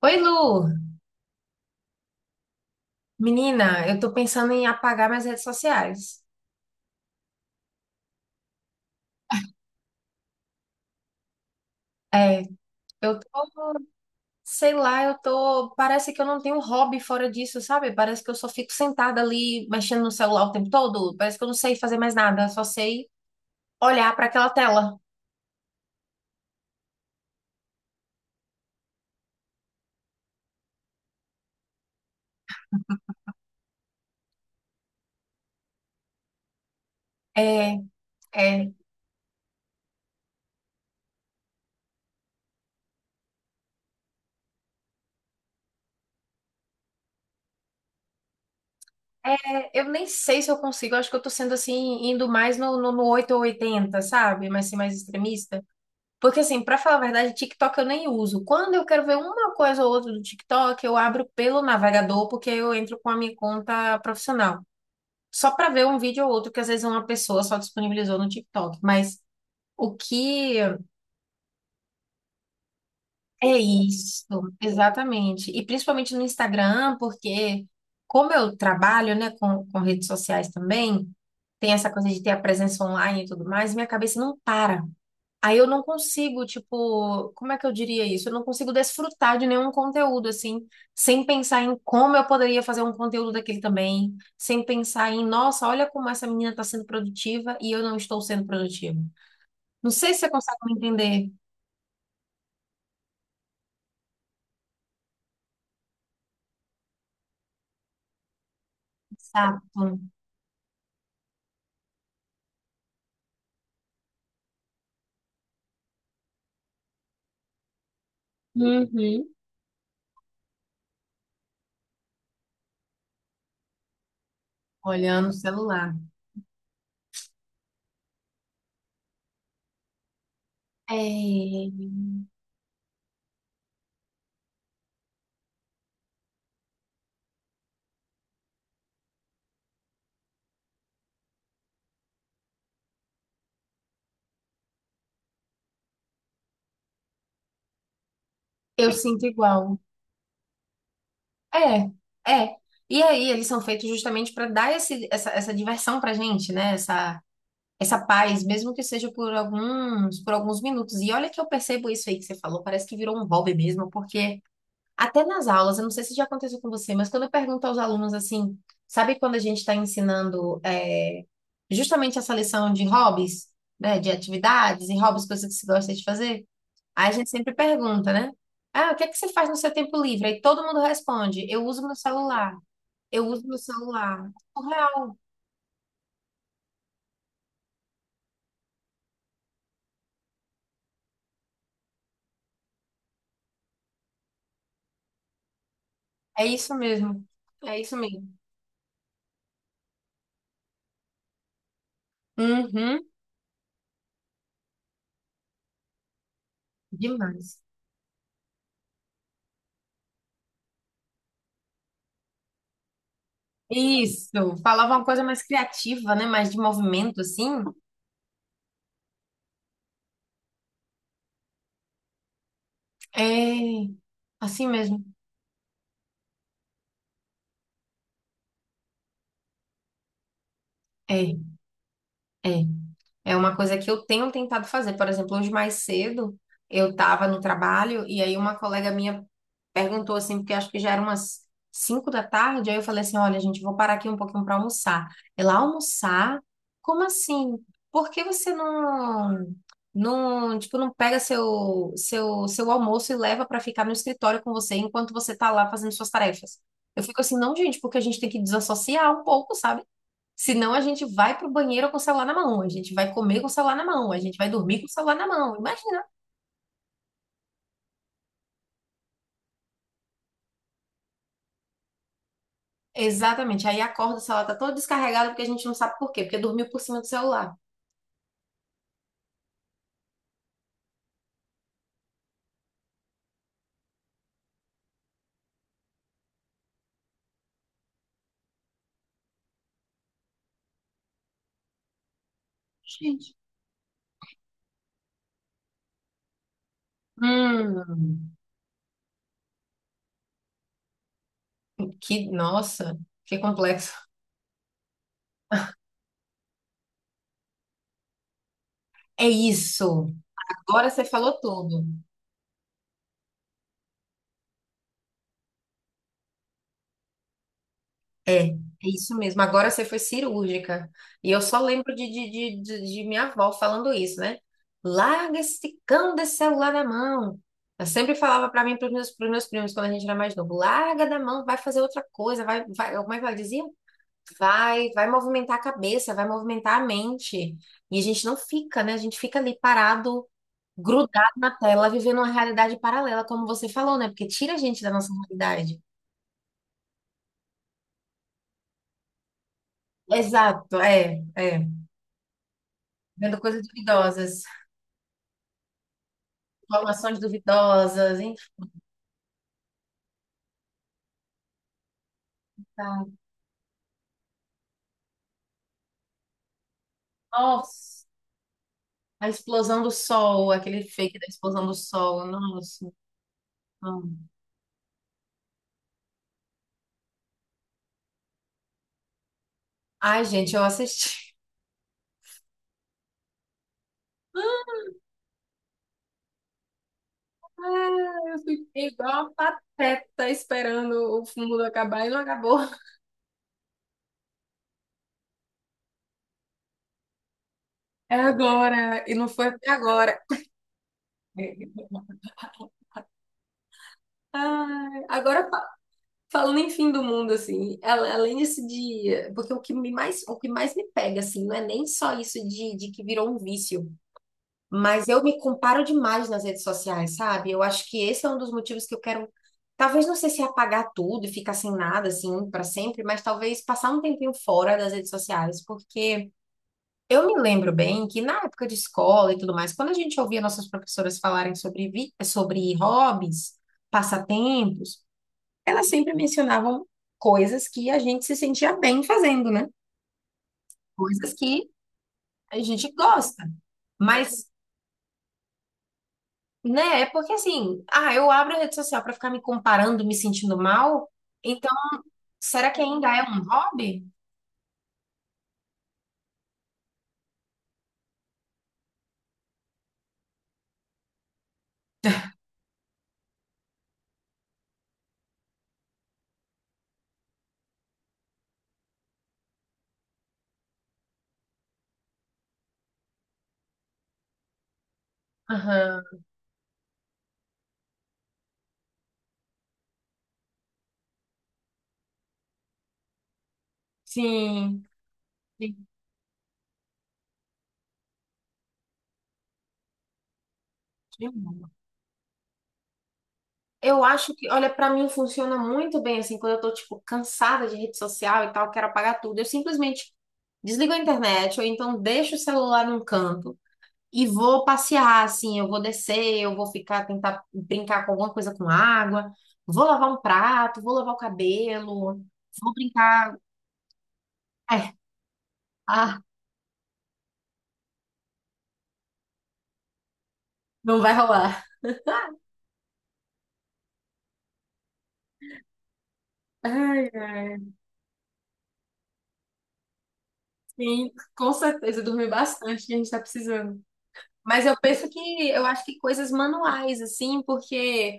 Oi, Lu! Menina, eu tô pensando em apagar minhas redes sociais. É, eu tô, sei lá, eu tô. Parece que eu não tenho hobby fora disso, sabe? Parece que eu só fico sentada ali mexendo no celular o tempo todo. Parece que eu não sei fazer mais nada, só sei olhar pra aquela tela. É, é, é. Eu nem sei se eu consigo, eu acho que eu tô sendo assim, indo mais no 8 ou 80, sabe? Mas ser mais extremista. Porque, assim, pra falar a verdade, TikTok eu nem uso. Quando eu quero ver uma coisa ou outra do TikTok, eu abro pelo navegador, porque eu entro com a minha conta profissional. Só pra ver um vídeo ou outro que às vezes uma pessoa só disponibilizou no TikTok. Mas o que é isso? Exatamente. E principalmente no Instagram, porque como eu trabalho, né, com redes sociais também, tem essa coisa de ter a presença online e tudo mais, minha cabeça não para. Aí eu não consigo, tipo, como é que eu diria isso? Eu não consigo desfrutar de nenhum conteúdo, assim, sem pensar em como eu poderia fazer um conteúdo daquele também, sem pensar em, nossa, olha como essa menina está sendo produtiva e eu não estou sendo produtiva. Não sei se você consegue me entender. Exato. Uhum. Olhando o celular. É, eu sinto igual. É, é. E aí, eles são feitos justamente para dar essa diversão pra gente, né? Essa paz, mesmo que seja por alguns minutos. E olha que eu percebo isso aí que você falou, parece que virou um hobby mesmo, porque até nas aulas, eu não sei se já aconteceu com você, mas quando eu pergunto aos alunos assim, sabe quando a gente está ensinando é, justamente essa lição de hobbies, né, de atividades e hobbies, coisas que se gosta de fazer? Aí a gente sempre pergunta, né? Ah, o que é que você faz no seu tempo livre? Aí todo mundo responde, eu uso meu celular. Eu uso meu celular. É real, é isso mesmo. É isso mesmo. Uhum. Demais. Isso, falava uma coisa mais criativa, né? Mais de movimento, assim. É, assim mesmo. É, é. É uma coisa que eu tenho tentado fazer. Por exemplo, hoje mais cedo eu estava no trabalho e aí uma colega minha perguntou assim, porque acho que já era umas 5 da tarde, aí eu falei assim, olha, gente, vou parar aqui um pouquinho para almoçar. Ela, almoçar? Como assim? Por que você não, tipo, não pega seu almoço e leva para ficar no escritório com você enquanto você tá lá fazendo suas tarefas? Eu fico assim, não, gente, porque a gente tem que desassociar um pouco, sabe? Senão a gente vai pro banheiro com o celular na mão, a gente vai comer com o celular na mão, a gente vai dormir com o celular na mão. Imagina. Exatamente. Aí acorda, o celular tá todo descarregado porque a gente não sabe por quê, porque dormiu por cima do celular. Gente, hum, que, nossa, que complexo. É isso. Agora você falou tudo. É, é isso mesmo. Agora você foi cirúrgica. E eu só lembro de minha avó falando isso, né? Larga esse cão desse celular da mão. Ela sempre falava pra mim, para os meus, pros meus primos, quando a gente era mais novo, larga da mão, vai fazer outra coisa, vai, vai. Como é que ela dizia? Vai, vai movimentar a cabeça, vai movimentar a mente. E a gente não fica, né? A gente fica ali parado, grudado na tela, vivendo uma realidade paralela, como você falou, né? Porque tira a gente da nossa realidade. Exato, é, é. Vendo coisas duvidosas, informações duvidosas, enfim. Tá. Nossa, a explosão do sol, aquele fake da explosão do sol. Nossa. Não. Ai, gente, eu assisti. Ah, eu fiquei igual uma pateta esperando o mundo acabar e não acabou. É agora, e não foi até agora. Ai, agora fa- Falando em fim do mundo, assim, além desse dia, porque o que mais me pega, assim, não é nem só isso de que virou um vício, mas eu me comparo demais nas redes sociais, sabe? Eu acho que esse é um dos motivos que eu quero, talvez não sei se é apagar tudo e ficar sem nada, assim, para sempre, mas talvez passar um tempinho fora das redes sociais, porque eu me lembro bem que na época de escola e tudo mais, quando a gente ouvia nossas professoras falarem sobre hobbies, passatempos, elas sempre mencionavam coisas que a gente se sentia bem fazendo, né? Coisas que a gente gosta. Mas, né, é porque assim, ah, eu abro a rede social para ficar me comparando, me sentindo mal, então será que ainda é um hobby? Aham, sim. Sim. Eu acho que, olha, pra mim funciona muito bem assim, quando eu tô tipo cansada de rede social e tal, quero apagar tudo. Eu simplesmente desligo a internet ou então deixo o celular num canto e vou passear assim, eu vou descer, eu vou ficar tentar brincar com alguma coisa com água, vou lavar um prato, vou lavar o cabelo, vou brincar. É, ah, não vai rolar. Ai, ai, sim, com certeza, dormir bastante, que a gente tá precisando. Mas eu penso que eu acho que coisas manuais assim, porque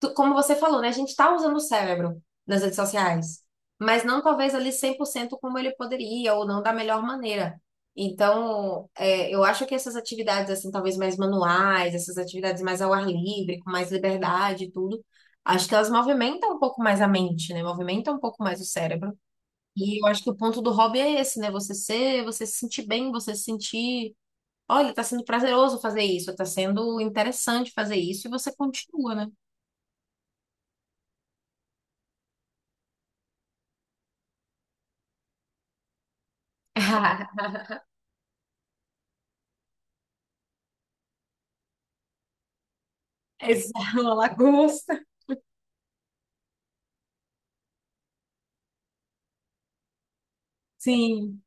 como você falou, né? A gente está usando o cérebro nas redes sociais, mas não talvez ali 100% como ele poderia, ou não da melhor maneira. Então, é, eu acho que essas atividades, assim, talvez mais manuais, essas atividades mais ao ar livre, com mais liberdade e tudo, acho que elas movimentam um pouco mais a mente, né? Movimentam um pouco mais o cérebro. E eu acho que o ponto do hobby é esse, né? Você ser, você se sentir bem, você se sentir, olha, tá sendo prazeroso fazer isso, tá sendo interessante fazer isso, e você continua, né? Exato, uma lagosta. Sim,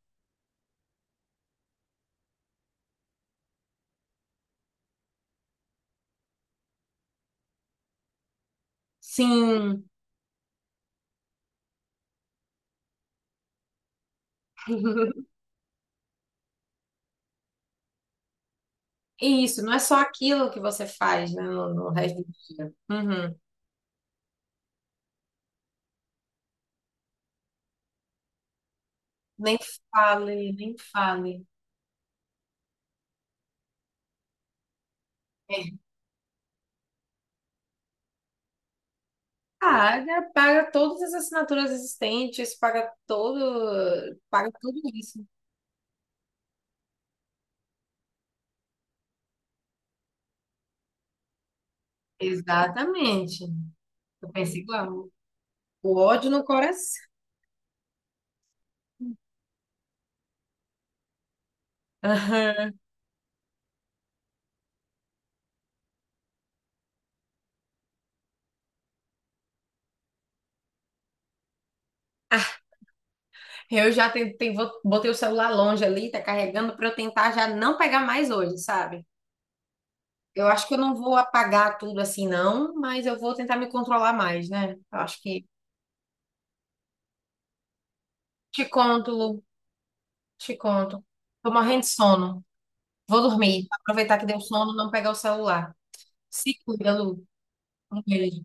sim. Isso, não é só aquilo que você faz, né, no resto do dia. Uhum. Nem fale, nem fale. É. Paga, paga todas as assinaturas existentes, paga todo, paga tudo isso. Exatamente. Eu penso igual. O ódio no coração. Aham. Eu já tentei, botei o celular longe ali, tá carregando pra eu tentar já não pegar mais hoje, sabe? Eu acho que eu não vou apagar tudo assim, não, mas eu vou tentar me controlar mais, né? Eu acho que. Te conto, Lu, te conto. Tô morrendo de sono. Vou dormir. Aproveitar que deu sono, não pegar o celular. Se cuida, Lu. Um beijo.